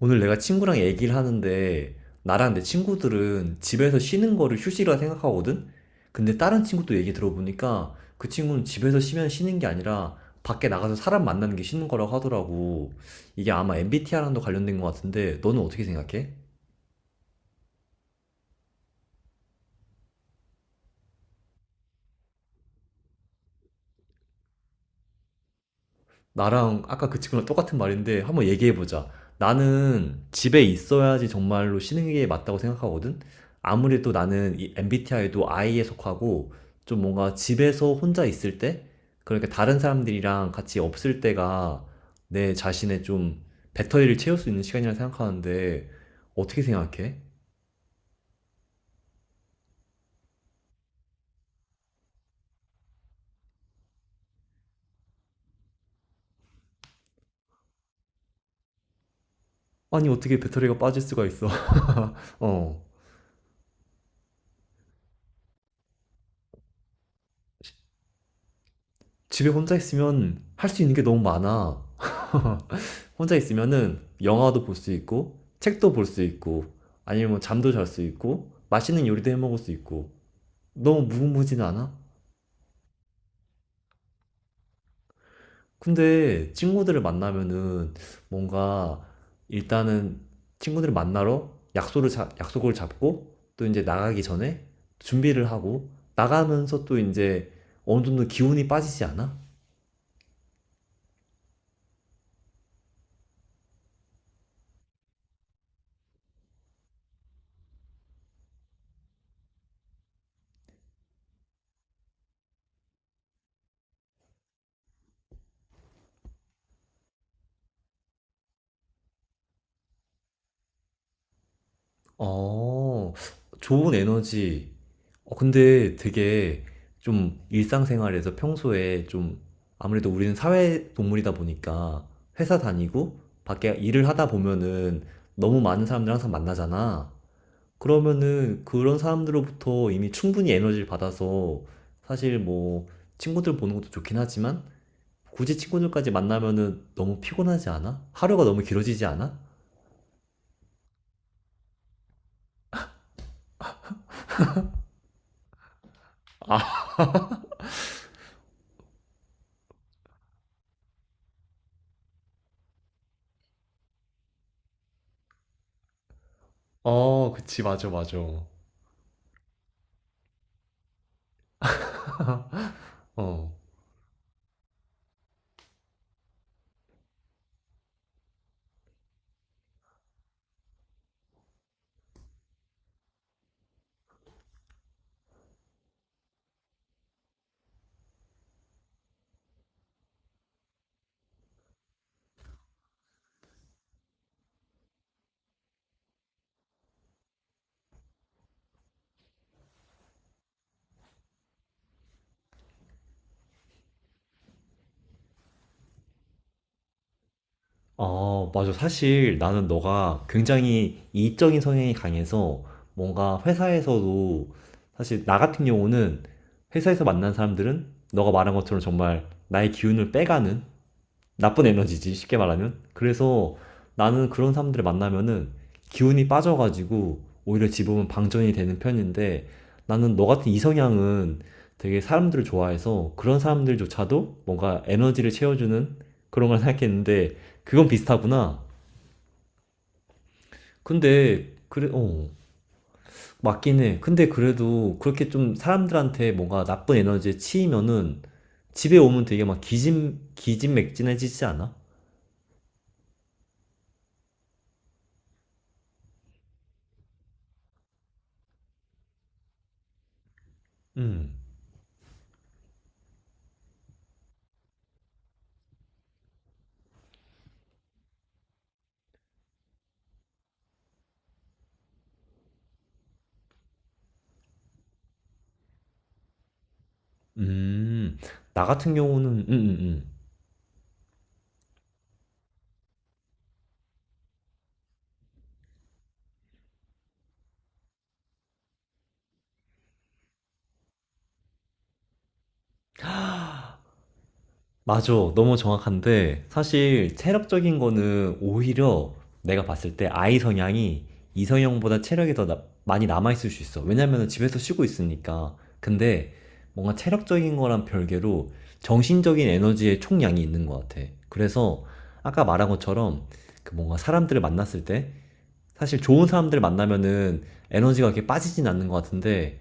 오늘 내가 친구랑 얘기를 하는데 나랑 내 친구들은 집에서 쉬는 거를 휴식이라 생각하거든? 근데 다른 친구도 얘기 들어보니까 그 친구는 집에서 쉬면 쉬는 게 아니라 밖에 나가서 사람 만나는 게 쉬는 거라고 하더라고. 이게 아마 MBTI랑도 관련된 것 같은데 너는 어떻게 생각해? 나랑 아까 그 친구랑 똑같은 말인데 한번 얘기해보자. 나는 집에 있어야지 정말로 쉬는 게 맞다고 생각하거든? 아무래도 나는 이 MBTI도 I에 속하고 좀 뭔가 집에서 혼자 있을 때? 그러니까 다른 사람들이랑 같이 없을 때가 내 자신의 좀 배터리를 채울 수 있는 시간이라 생각하는데 어떻게 생각해? 아니 어떻게 배터리가 빠질 수가 있어? 어. 집에 혼자 있으면 할 수 있는 게 너무 많아. 혼자 있으면은 영화도 볼 수 있고, 책도 볼 수 있고, 아니면 뭐 잠도 잘 수 있고, 맛있는 요리도 해 먹을 수 있고. 너무 무궁무진 않아? 근데 친구들을 만나면은 뭔가 일단은 친구들을 만나러 약속을 잡고 또 이제 나가기 전에 준비를 하고 나가면서 또 이제 어느 정도 기운이 빠지지 않아? 어. 좋은 에너지. 어 근데 되게 좀 일상생활에서 평소에 좀 아무래도 우리는 사회 동물이다 보니까 회사 다니고 밖에 일을 하다 보면은 너무 많은 사람들 항상 만나잖아. 그러면은 그런 사람들로부터 이미 충분히 에너지를 받아서 사실 뭐 친구들 보는 것도 좋긴 하지만 굳이 친구들까지 만나면은 너무 피곤하지 않아? 하루가 너무 길어지지 않아? 아, 어, 그치, 맞아, 맞아. 어. 어, 맞아. 사실 나는 너가 굉장히 이익적인 성향이 강해서 뭔가 회사에서도 사실 나 같은 경우는 회사에서 만난 사람들은 너가 말한 것처럼 정말 나의 기운을 빼가는 나쁜 에너지지, 쉽게 말하면. 그래서 나는 그런 사람들을 만나면은 기운이 빠져가지고 오히려 집으면 방전이 되는 편인데 나는 너 같은 이성향은 되게 사람들을 좋아해서 그런 사람들조차도 뭔가 에너지를 채워주는 그런 걸 생각했는데 그건 비슷하구나. 근데 그래, 어, 맞긴 해. 근데 그래도 그렇게 좀 사람들한테 뭔가 나쁜 에너지에 치이면은 집에 오면 되게 막 기진맥진해지지 않아? 음. 음. 나 같은 경우는. 맞아. 너무 정확한데 사실 체력적인 거는 오히려 내가 봤을 때 아이 성향이 이성형보다 체력이 더 나- 많이 남아 있을 수 있어. 왜냐면은 집에서 쉬고 있으니까. 근데 뭔가 체력적인 거랑 별개로 정신적인 에너지의 총량이 있는 것 같아. 그래서 아까 말한 것처럼 그 뭔가 사람들을 만났을 때 사실 좋은 사람들을 만나면은 에너지가 그렇게 빠지진 않는 것 같은데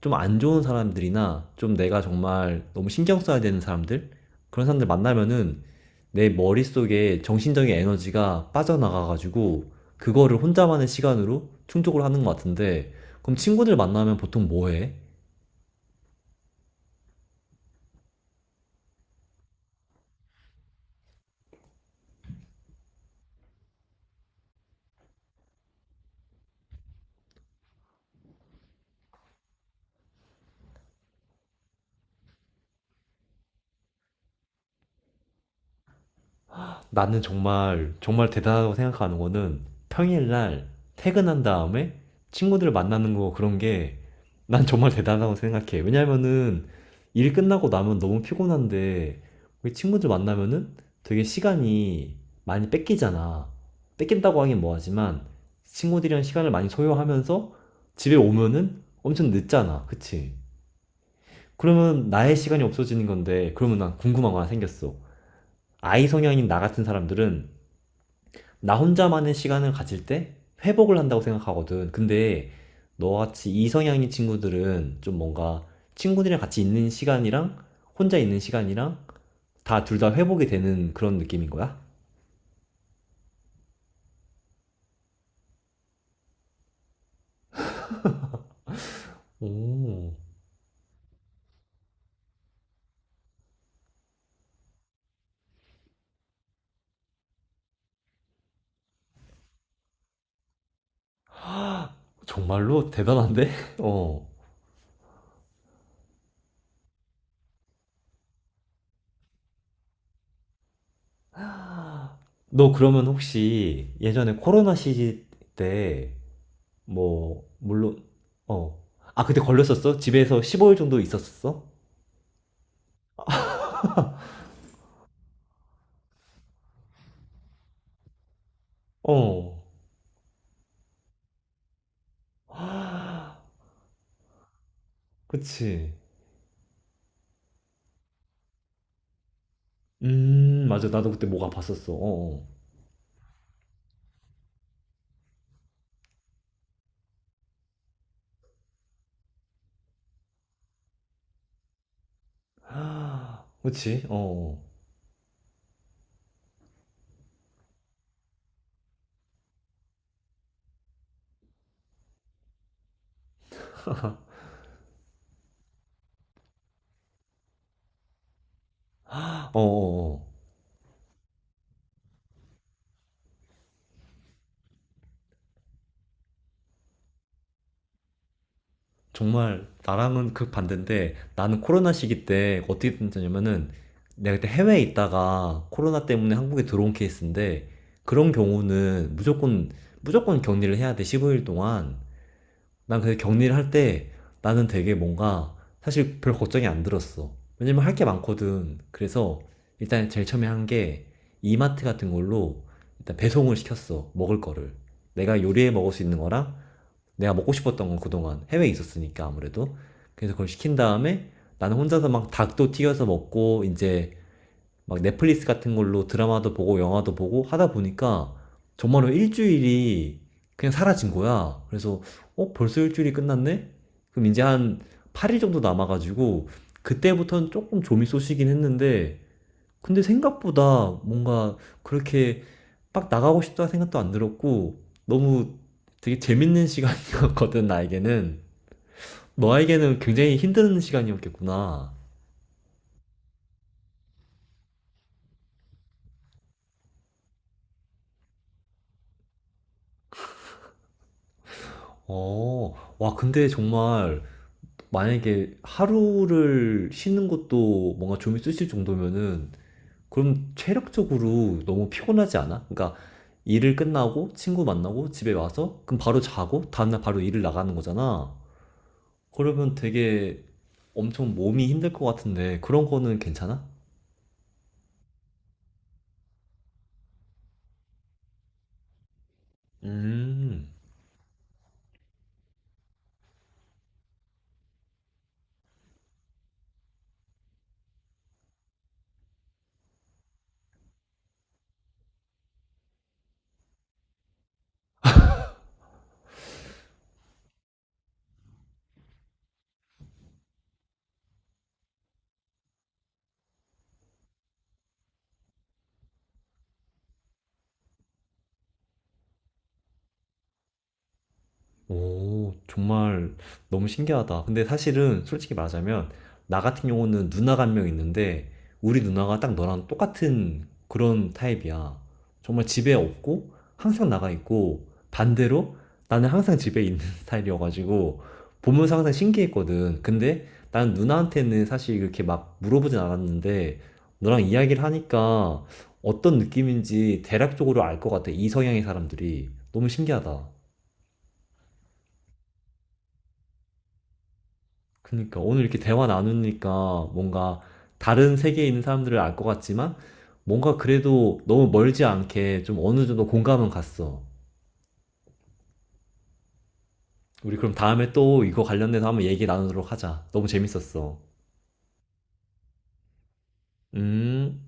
좀 안 좋은 사람들이나 좀 내가 정말 너무 신경 써야 되는 사람들 그런 사람들 만나면은 내 머릿속에 정신적인 에너지가 빠져나가가지고 그거를 혼자만의 시간으로 충족을 하는 것 같은데 그럼 친구들 만나면 보통 뭐 해? 나는 정말 정말 대단하다고 생각하는 거는 평일날 퇴근한 다음에 친구들 만나는 거 그런 게 난 정말 대단하다고 생각해. 왜냐면은 일 끝나고 나면 너무 피곤한데 우리 친구들 만나면은 되게 시간이 많이 뺏기잖아. 뺏긴다고 하긴 뭐하지만 친구들이랑 시간을 많이 소요하면서 집에 오면은 엄청 늦잖아. 그치? 그러면 나의 시간이 없어지는 건데 그러면 난 궁금한 거 하나 생겼어. 아이 성향인 나 같은 사람들은 나 혼자만의 시간을 가질 때 회복을 한다고 생각하거든. 근데 너같이 이성향인 친구들은 좀 뭔가 친구들이랑 같이 있는 시간이랑 혼자 있는 시간이랑 다 둘 다 회복이 되는 그런 느낌인 거야? 오, 정말로 대단한데? 어. 너 그러면 혹시 예전에 코로나 시기 때 뭐 물론 어. 아, 그때 걸렸었어? 집에서 15일 정도 있었었어? 어. 그치. 맞아. 나도 그때 목 아팠었어. 어어. 하, 그치? 어어. 하, 어어어. 정말 나랑은 극반대인데 나는 코로나 시기 때 어떻게 됐냐면은 내가 그때 해외에 있다가 코로나 때문에 한국에 들어온 케이스인데 그런 경우는 무조건 격리를 해야 돼. 15일 동안. 난 근데 격리를 할 때 나는 되게 뭔가 사실 별 걱정이 안 들었어. 왜냐면 할게 많거든. 그래서 일단 제일 처음에 한 게 이마트 같은 걸로 일단 배송을 시켰어. 먹을 거를. 내가 요리해 먹을 수 있는 거랑 내가 먹고 싶었던 건 그동안 해외에 있었으니까 아무래도. 그래서 그걸 시킨 다음에 나는 혼자서 막 닭도 튀겨서 먹고 이제 막 넷플릭스 같은 걸로 드라마도 보고 영화도 보고 하다 보니까 정말로 일주일이 그냥 사라진 거야. 그래서 어, 벌써 일주일이 끝났네? 그럼 이제 한 8일 정도 남아가지고 그때부터는 조금 좀이 쏘시긴 했는데 근데 생각보다 뭔가 그렇게 빡 나가고 싶다 생각도 안 들었고 너무 되게 재밌는 시간이었거든 나에게는 너에게는 굉장히 힘든 시간이었겠구나. 어, 와 근데 정말 만약에 하루를 쉬는 것도 뭔가 좀이 쓰실 정도면은 그럼 체력적으로 너무 피곤하지 않아? 그러니까 일을 끝나고 친구 만나고 집에 와서 그럼 바로 자고 다음날 바로 일을 나가는 거잖아. 그러면 되게 엄청 몸이 힘들 것 같은데 그런 거는 괜찮아? 음. 오, 정말 너무 신기하다. 근데 사실은 솔직히 말하자면, 나 같은 경우는 누나가 한 명 있는데, 우리 누나가 딱 너랑 똑같은 그런 타입이야. 정말 집에 없고, 항상 나가 있고, 반대로 나는 항상 집에 있는 스타일이어가지고, 보면서 항상 신기했거든. 근데 난 누나한테는 사실 그렇게 막 물어보진 않았는데, 너랑 이야기를 하니까 어떤 느낌인지 대략적으로 알 것 같아. 이 성향의 사람들이. 너무 신기하다. 그니까 오늘 이렇게 대화 나누니까 뭔가 다른 세계에 있는 사람들을 알 것 같지만 뭔가 그래도 너무 멀지 않게 좀 어느 정도 공감은 갔어. 우리 그럼 다음에 또 이거 관련돼서 한번 얘기 나누도록 하자. 너무 재밌었어. 음.